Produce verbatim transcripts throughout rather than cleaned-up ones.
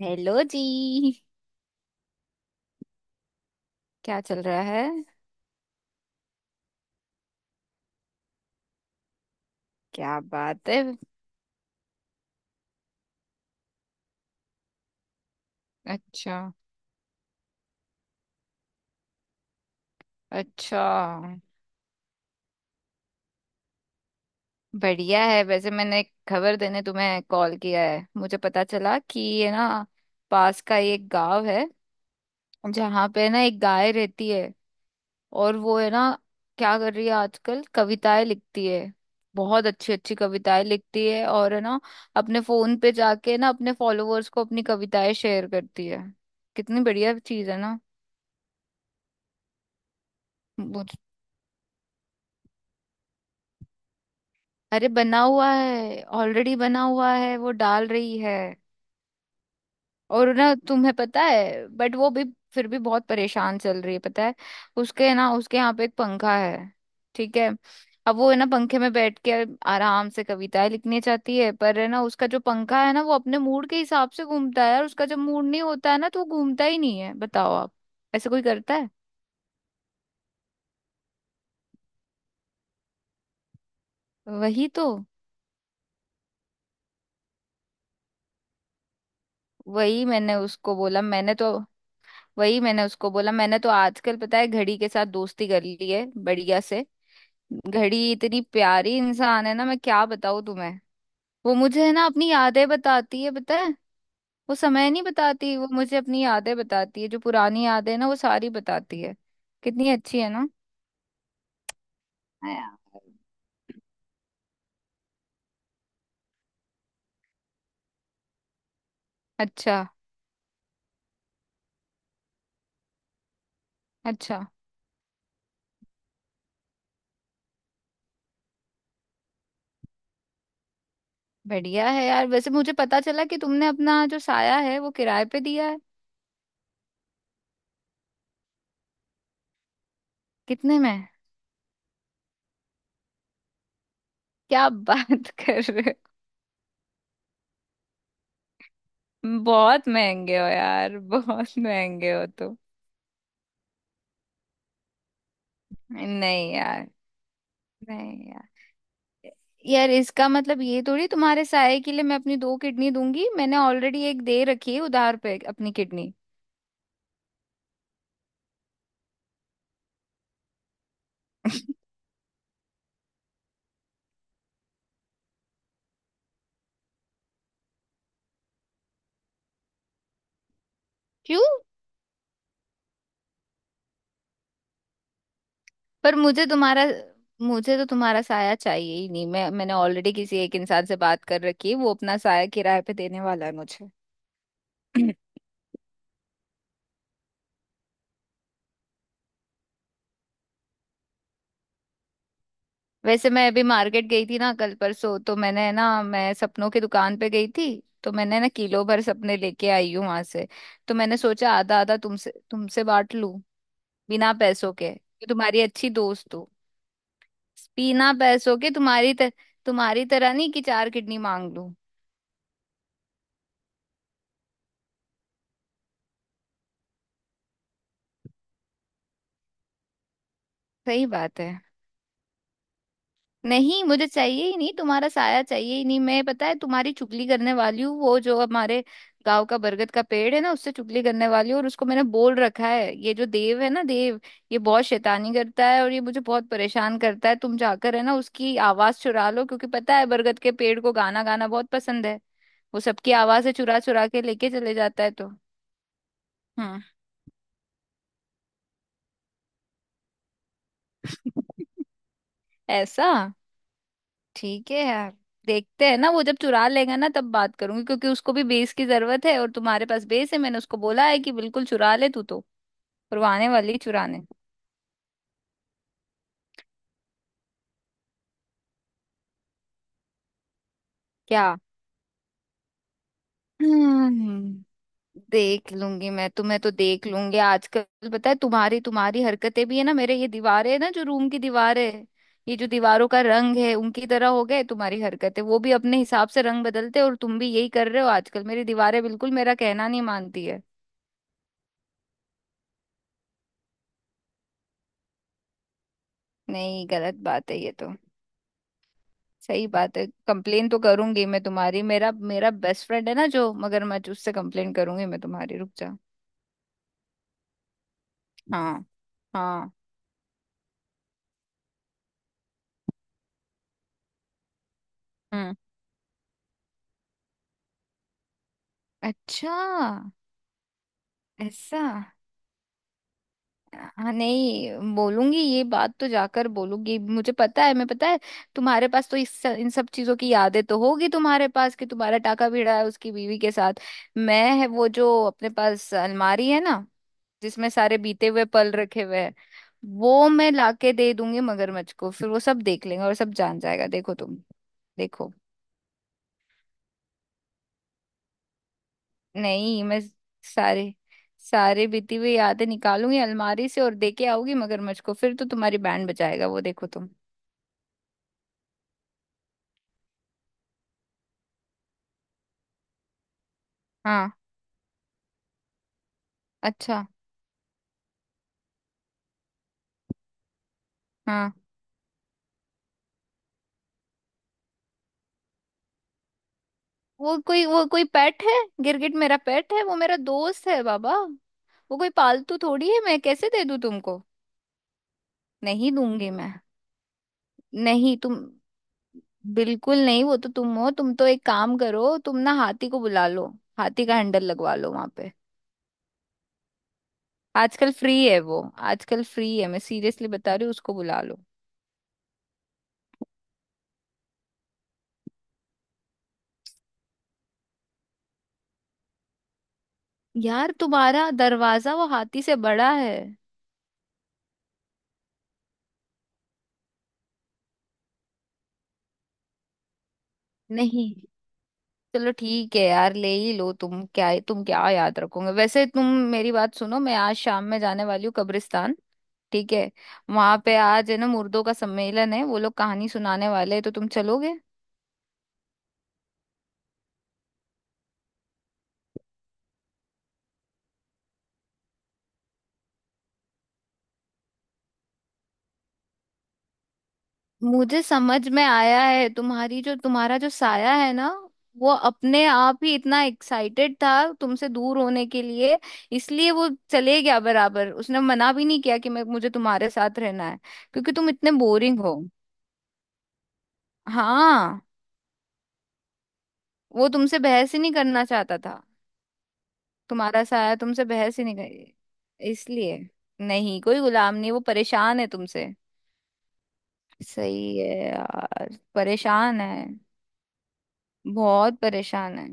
Hello जी। क्या चल रहा है? क्या बात है। अच्छा। अच्छा। बढ़िया है। वैसे मैंने एक खबर देने तुम्हें कॉल किया है। मुझे पता चला कि ये ना पास का ही एक गांव है जहाँ पे ना एक गाय रहती है, और वो है ना क्या कर रही है आजकल, कविताएं लिखती है। बहुत अच्छी अच्छी कविताएं लिखती है, और है ना अपने फोन पे जाके ना अपने फॉलोअर्स को अपनी कविताएं शेयर करती है। कितनी बढ़िया चीज है ना। अरे बना हुआ है, ऑलरेडी बना हुआ है, वो डाल रही है। और ना तुम्हें पता है बट वो भी फिर भी बहुत परेशान चल रही है, पता है। उसके ना उसके यहाँ पे एक पंखा है, ठीक है। अब वो है ना पंखे में बैठ के आराम से कविताएं लिखनी चाहती है, पर है ना उसका जो पंखा है ना वो अपने मूड के हिसाब से घूमता है, और उसका जब मूड नहीं होता है ना तो वो घूमता ही नहीं है, बताओ आप। ऐसे कोई करता है? वही तो। वही मैंने उसको बोला मैंने तो वही मैंने उसको बोला मैंने तो आजकल पता है घड़ी के साथ दोस्ती कर ली है बढ़िया से। घड़ी इतनी प्यारी इंसान है ना, मैं क्या बताऊँ तुम्हें। वो मुझे है ना अपनी यादें बताती है, पता है। वो समय नहीं बताती, वो मुझे अपनी यादें बताती है। जो पुरानी यादें हैं ना वो सारी बताती है। कितनी अच्छी है ना। हाँ यार। अच्छा। अच्छा। बढ़िया है यार। वैसे मुझे पता चला कि तुमने अपना जो साया है वो किराए पे दिया है। कितने में? क्या बात कर रहे हो। बहुत महंगे हो यार, बहुत महंगे हो तुम। नहीं यार। नहीं यार। यार इसका मतलब ये थोड़ी तुम्हारे साय के लिए मैं अपनी दो किडनी दूंगी। मैंने ऑलरेडी एक दे रखी है उधार पे अपनी किडनी। क्यों? पर मुझे तुम्हारा मुझे तो तुम्हारा साया चाहिए ही नहीं। मैं मैंने ऑलरेडी किसी एक इंसान से बात कर रखी है, वो अपना साया किराए पे देने वाला है मुझे। वैसे मैं अभी मार्केट गई थी ना कल परसों, तो मैंने ना मैं सपनों की दुकान पे गई थी। तो मैंने ना किलो भर सपने लेके आई हूँ वहां से। तो मैंने सोचा आधा आधा तुमसे तुमसे बांट लूं, बिना पैसों के कि तुम्हारी अच्छी दोस्त हो। बिना पैसों के, तुम्हारी तर, तुम्हारी तरह नहीं कि चार किडनी मांग लूं। सही बात है। नहीं मुझे चाहिए ही नहीं, तुम्हारा साया चाहिए ही नहीं। मैं पता है तुम्हारी चुगली करने वाली हूँ। वो जो हमारे गांव का बरगद का पेड़ है ना, उससे चुगली करने वाली हूँ। और उसको मैंने बोल रखा है, ये जो देव है ना, देव ये बहुत शैतानी करता है और ये मुझे बहुत परेशान करता है, तुम जाकर है ना उसकी आवाज चुरा लो, क्योंकि पता है बरगद के पेड़ को गाना गाना बहुत पसंद है। वो सबकी आवाजें चुरा चुरा के लेके चले जाता है तो। हम्म। ऐसा। ठीक है यार, देखते हैं ना। वो जब चुरा लेगा ना तब बात करूंगी, क्योंकि उसको भी बेस की जरूरत है और तुम्हारे पास बेस है। मैंने उसको बोला है कि बिल्कुल चुरा ले तू तो, और वो आने वाली है चुराने। क्या? हम्म, देख लूंगी मैं, तुम्हें तो देख लूंगी। आजकल पता है तुम्हारी तुम्हारी हरकतें भी है ना, मेरे ये दीवारें है ना जो रूम की दीवारें है, ये जो दीवारों का रंग है, उनकी तरह हो गए तुम्हारी हरकतें। वो भी अपने हिसाब से रंग बदलते हैं और तुम भी यही कर रहे हो आजकल। मेरी दीवारें बिल्कुल मेरा कहना नहीं मानती है। नहीं, गलत बात है ये तो। सही बात है। कंप्लेन तो करूंगी मैं तुम्हारी। मेरा मेरा बेस्ट फ्रेंड है ना जो मगरमच्छ, उससे कंप्लेन करूंगी मैं तुम्हारी, रुक जा। हाँ। हाँ। हम्म। अच्छा। ऐसा। हाँ नहीं बोलूंगी ये बात, तो जाकर बोलूंगी। मुझे पता है, मैं पता है तुम्हारे पास तो इस इन सब चीजों की यादें तो होगी तुम्हारे पास, कि तुम्हारा टाका भिड़ा है उसकी बीवी के साथ। मैं है वो जो अपने पास अलमारी है ना, जिसमें सारे बीते हुए पल रखे हुए हैं, वो मैं लाके दे दूंगी मगरमच्छ को, फिर वो सब देख लेंगे और सब जान जाएगा, देखो तुम। देखो। नहीं मैं सारे सारे बीती हुई यादें निकालूंगी अलमारी से और देके आऊंगी मगरमच्छ को, फिर तो तुम्हारी बैंड बजाएगा वो, देखो तुम। हाँ। अच्छा। हाँ। वो कोई वो कोई पेट है? गिरगिट मेरा पेट है, वो मेरा दोस्त है बाबा। वो कोई पालतू थोड़ी है, मैं कैसे दे दूं तुमको। नहीं दूंगी मैं। नहीं तुम बिल्कुल नहीं। वो तो तुम हो, तुम तो एक काम करो, तुम ना हाथी को बुला लो। हाथी का हैंडल लगवा लो वहां पे। आजकल फ्री है वो। आजकल फ्री है, मैं सीरियसली बता रही हूँ, उसको बुला लो। यार तुम्हारा दरवाजा वो हाथी से बड़ा है। नहीं। चलो ठीक है यार, ले ही लो। तुम क्या, तुम क्या याद रखोगे वैसे तुम। मेरी बात सुनो, मैं आज शाम में जाने वाली हूँ कब्रिस्तान, ठीक है। वहां पे आज है ना मुर्दों का सम्मेलन है, वो लोग कहानी सुनाने वाले हैं, तो तुम चलोगे? मुझे समझ में आया है तुम्हारी जो तुम्हारा जो साया है ना, वो अपने आप ही इतना एक्साइटेड था तुमसे दूर होने के लिए, इसलिए वो चले गया बराबर। उसने मना भी नहीं किया कि मैं मुझे तुम्हारे साथ रहना है, क्योंकि तुम इतने बोरिंग हो। हाँ। वो तुमसे बहस ही नहीं करना चाहता था, तुम्हारा साया तुमसे बहस ही नहीं कर, इसलिए। नहीं कोई गुलाम नहीं, वो परेशान है तुमसे। सही है यार, परेशान है। बहुत परेशान है।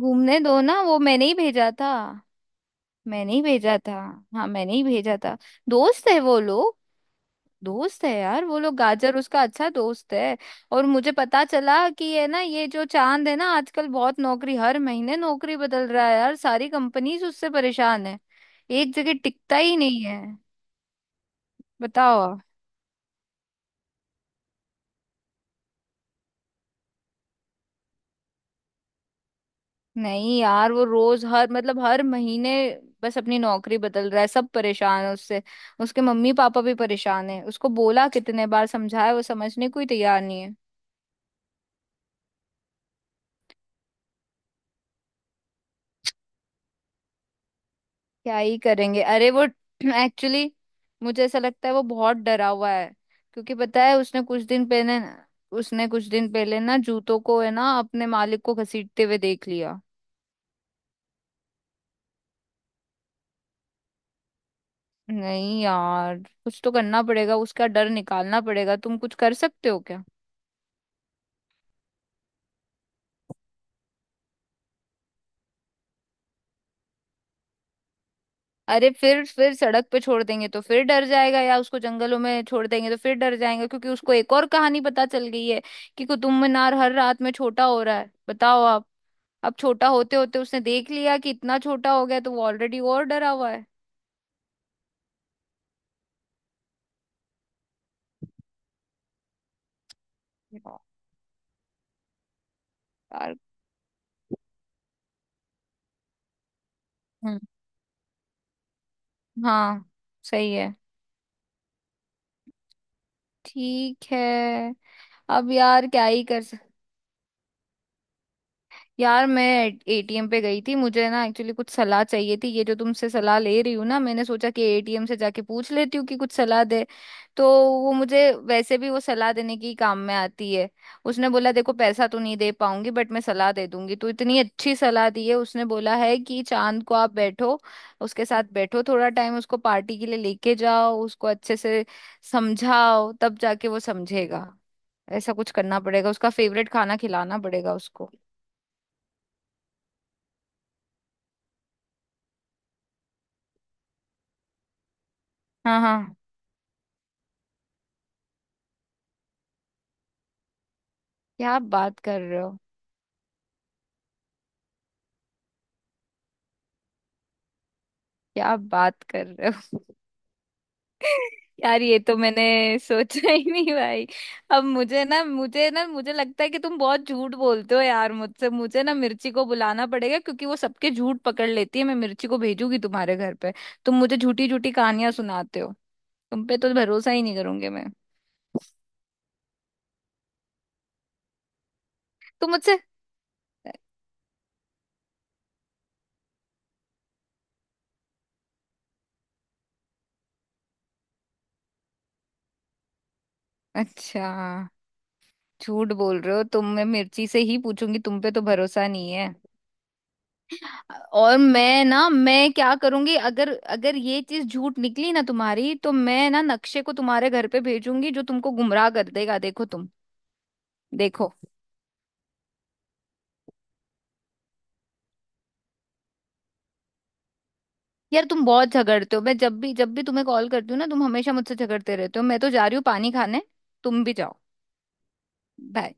घूमने दो ना, वो मैंने ही भेजा था। मैंने ही भेजा था। हाँ मैंने ही भेजा था। दोस्त है वो लोग। दोस्त है यार वो लोग, गाजर उसका अच्छा दोस्त है। और मुझे पता चला कि ये ना, ये जो चांद है ना, आजकल बहुत नौकरी, हर महीने नौकरी बदल रहा है यार। सारी कंपनीज उससे परेशान है, एक जगह टिकता ही नहीं है, बताओ। नहीं यार वो रोज हर, मतलब हर महीने बस अपनी नौकरी बदल रहा है, सब परेशान है उससे। उसके मम्मी पापा भी परेशान है, उसको बोला, कितने बार समझाया, वो समझने को ही तैयार नहीं है। क्या ही करेंगे। अरे वो एक्चुअली मुझे ऐसा लगता है वो बहुत डरा हुआ है, क्योंकि पता है उसने कुछ दिन पहले, उसने कुछ दिन पहले ना जूतों को है ना अपने मालिक को घसीटते हुए देख लिया। नहीं यार, कुछ तो करना पड़ेगा, उसका डर निकालना पड़ेगा। तुम कुछ कर सकते हो क्या? अरे फिर फिर सड़क पे छोड़ देंगे तो फिर डर जाएगा, या उसको जंगलों में छोड़ देंगे तो फिर डर जाएगा, क्योंकि उसको एक और कहानी पता चल गई है कि कुतुब मीनार हर रात में छोटा हो रहा है, बताओ आप। अब छोटा होते होते उसने देख लिया कि इतना छोटा हो गया, तो वो ऑलरेडी और डरा हुआ है यार। हम्म। हाँ। सही है। ठीक है। अब यार क्या ही कर। यार मैं एटीएम पे गई थी, मुझे ना एक्चुअली कुछ सलाह चाहिए थी। ये जो तुमसे सलाह ले रही हूँ ना, मैंने सोचा कि एटीएम से जाके पूछ लेती हूँ कि कुछ सलाह दे तो। वो मुझे वैसे भी वो सलाह देने की काम में आती है। उसने बोला देखो पैसा तो नहीं दे पाऊंगी बट मैं सलाह दे दूंगी। तो इतनी अच्छी सलाह दी है, उसने बोला है कि चांद को आप बैठो, उसके साथ बैठो थोड़ा टाइम, उसको पार्टी के लिए लेके जाओ, उसको अच्छे से समझाओ, तब जाके वो समझेगा। ऐसा कुछ करना पड़ेगा, उसका फेवरेट खाना खिलाना पड़ेगा उसको। हाँ। हाँ। क्या आप बात कर रहे हो। क्या आप बात कर रहे हो। यार ये तो मैंने सोचा ही नहीं भाई। अब मुझे ना मुझे ना मुझे लगता है कि तुम बहुत झूठ बोलते हो यार मुझसे। मुझे ना मिर्ची को बुलाना पड़ेगा, क्योंकि वो सबके झूठ पकड़ लेती है। मैं मिर्ची को भेजूंगी तुम्हारे घर पे। तुम मुझे झूठी झूठी कहानियां सुनाते हो, तुम पे तो भरोसा ही नहीं करूंगी मैं। तुम मुझसे। अच्छा झूठ बोल रहे हो तुम, मैं मिर्ची से ही पूछूंगी, तुम पे तो भरोसा नहीं है। और मैं ना मैं क्या करूंगी, अगर अगर ये चीज झूठ निकली ना तुम्हारी, तो मैं ना नक्शे को तुम्हारे घर पे भेजूंगी, जो तुमको गुमराह कर देगा, देखो तुम। देखो। यार तुम बहुत झगड़ते हो। मैं जब भी जब भी तुम्हें कॉल करती हूँ ना, तुम हमेशा मुझसे झगड़ते रहते हो। मैं तो जा रही हूँ पानी खाने, तुम भी जाओ। बाय।